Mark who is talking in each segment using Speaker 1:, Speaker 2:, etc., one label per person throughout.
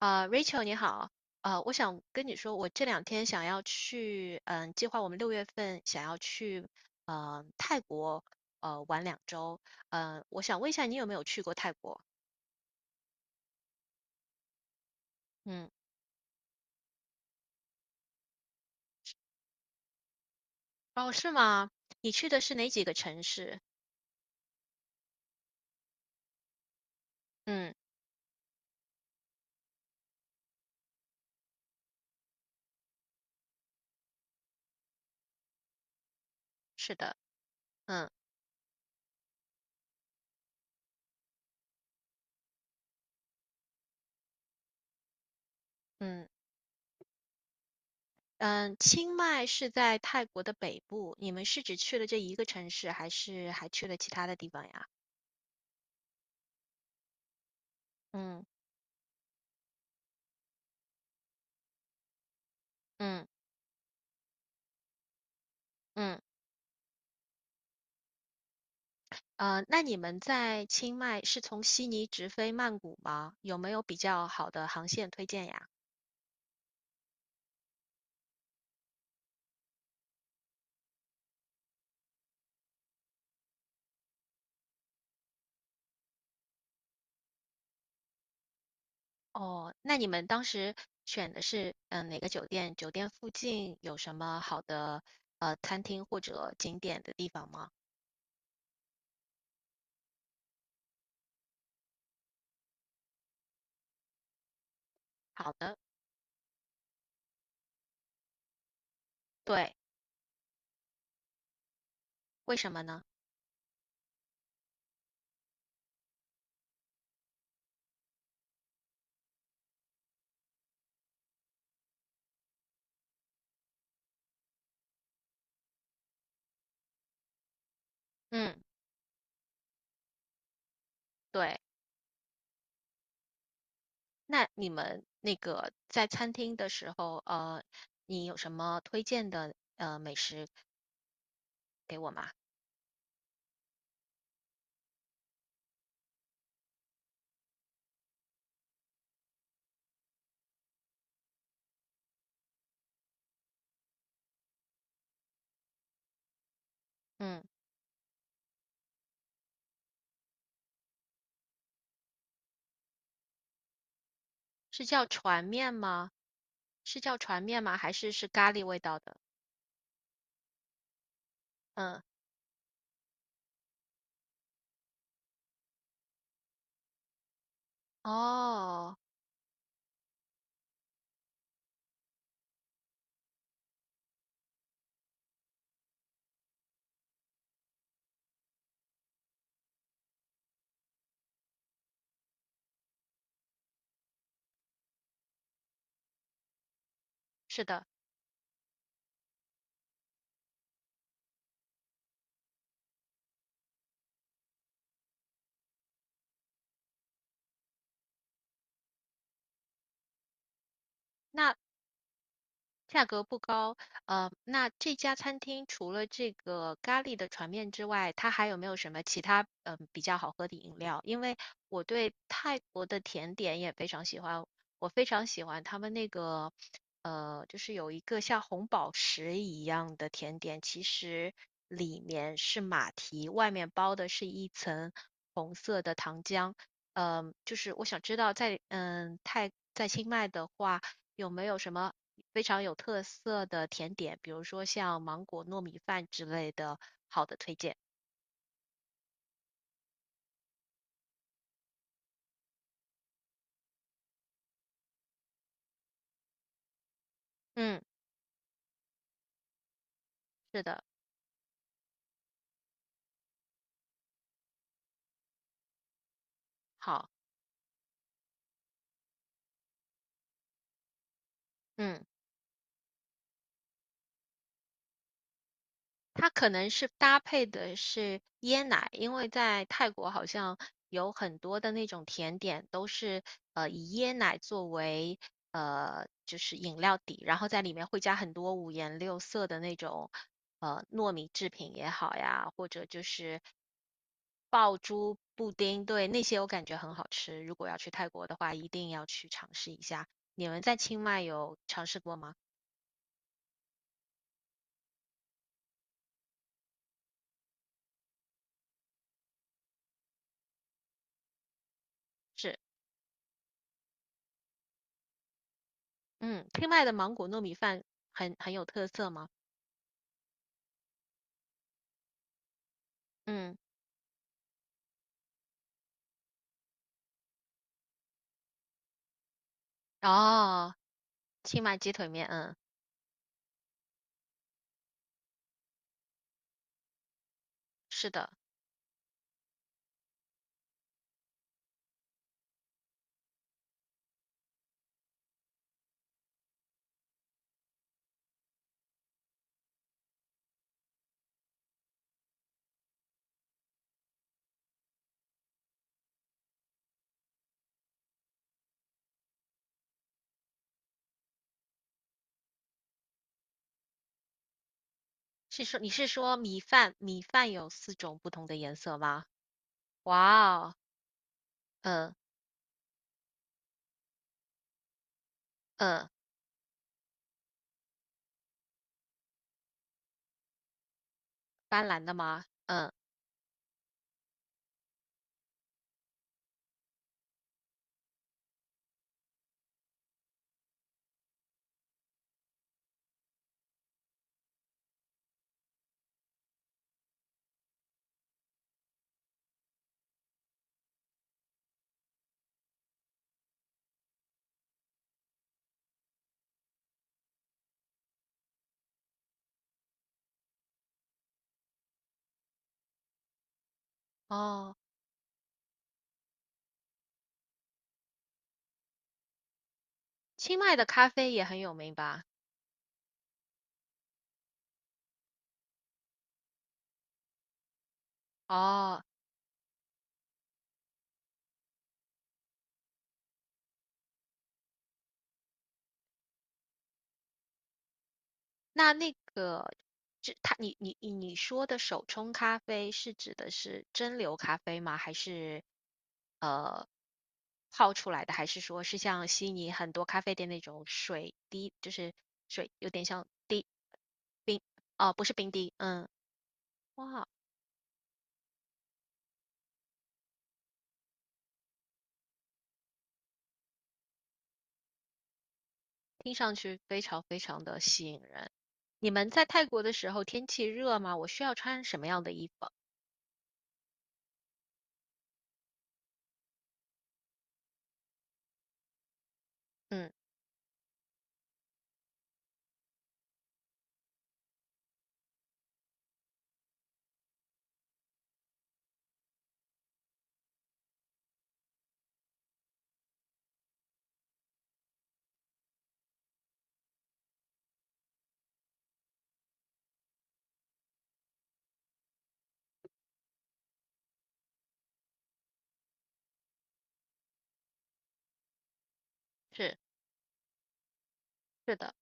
Speaker 1: 啊，Rachel 你好。啊，我想跟你说，我这两天想要去，计划我们六月份想要去，泰国，玩2周。我想问一下你有没有去过泰国？嗯。哦，是吗？你去的是哪几个城市？嗯。是的。嗯嗯嗯。清迈是在泰国的北部，你们是只去了这一个城市，还是还去了其他的地方呀？嗯嗯嗯。那你们在清迈是从悉尼直飞曼谷吗？有没有比较好的航线推荐呀？哦，那你们当时选的是哪个酒店？酒店附近有什么好的餐厅或者景点的地方吗？好的。对。为什么呢？嗯。对。那你们那个在餐厅的时候，你有什么推荐的美食给我吗？嗯。是叫船面吗？是叫船面吗？还是咖喱味道的？嗯。哦，是的。那价格不高，那这家餐厅除了这个咖喱的船面之外，它还有没有什么其他比较好喝的饮料？因为我对泰国的甜点也非常喜欢，我非常喜欢他们那个就是有一个像红宝石一样的甜点，其实里面是马蹄，外面包的是一层红色的糖浆。就是我想知道在嗯泰在清迈的话。有没有什么非常有特色的甜点，比如说像芒果糯米饭之类的好的推荐？嗯。是的。好。嗯。它可能是搭配的是椰奶，因为在泰国好像有很多的那种甜点都是以椰奶作为就是饮料底，然后在里面会加很多五颜六色的那种糯米制品也好呀，或者就是爆珠布丁。对，那些我感觉很好吃。如果要去泰国的话，一定要去尝试一下。你们在清迈有尝试过吗？是。嗯。清迈的芒果糯米饭很有特色吗？嗯。哦，清迈鸡腿面。嗯。是的。你是说米饭有四种不同的颜色吗？哇哦。嗯嗯。斑斓的吗？嗯。哦，清迈的咖啡也很有名吧？哦，那个，这它你你你说的手冲咖啡是指的是蒸馏咖啡吗？还是呃泡出来的？还是说是像悉尼很多咖啡店那种水滴，就是水有点像滴冰。哦，不是冰滴。嗯。哇。听上去非常非常的吸引人。你们在泰国的时候天气热吗？我需要穿什么样的衣服？嗯。是是的。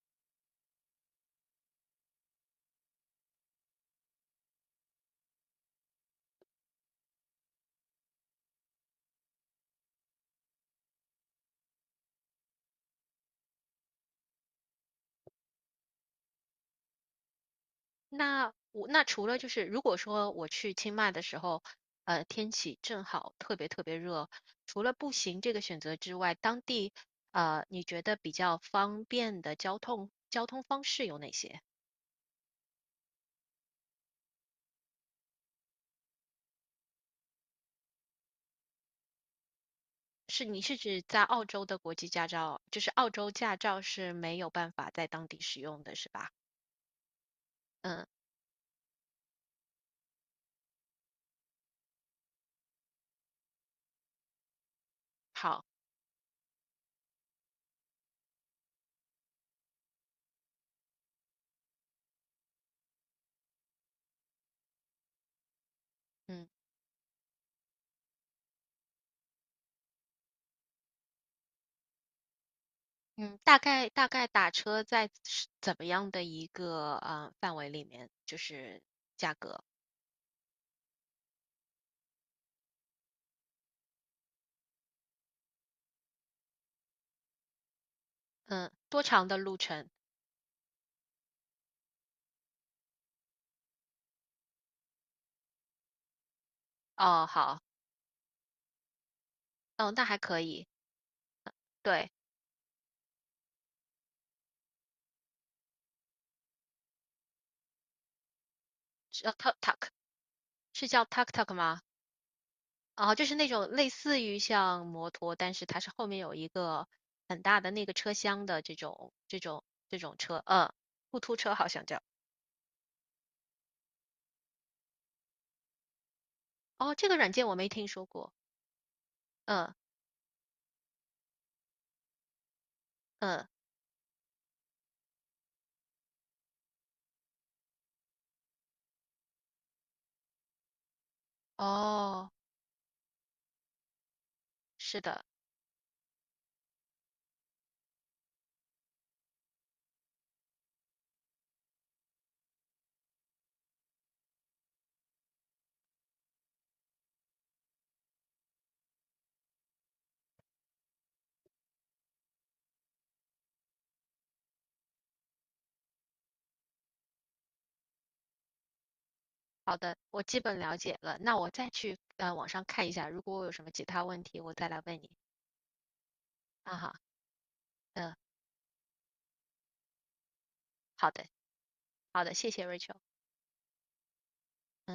Speaker 1: 那除了就是如果说我去清迈的时候，天气正好特别特别热，除了步行这个选择之外，当地你觉得比较方便的交通方式有哪些？是你是指在澳洲的国际驾照，就是澳洲驾照是没有办法在当地使用的，是吧？嗯。好。嗯嗯。大概打车是怎么样的一个范围里面，就是价格，嗯，多长的路程？哦。好。嗯。那还可以。对。是，tuk tuk 是叫 tuk tuk 吗？哦，就是那种类似于像摩托，但是它是后面有一个很大的那个车厢的这种车。嗯。突突车好像叫。哦，这个软件我没听说过。嗯嗯。哦，是的。好的，我基本了解了。那我再去网上看一下，如果我有什么其他问题，我再来问你。啊哈。嗯。好的好的，谢谢 Rachel。 嗯。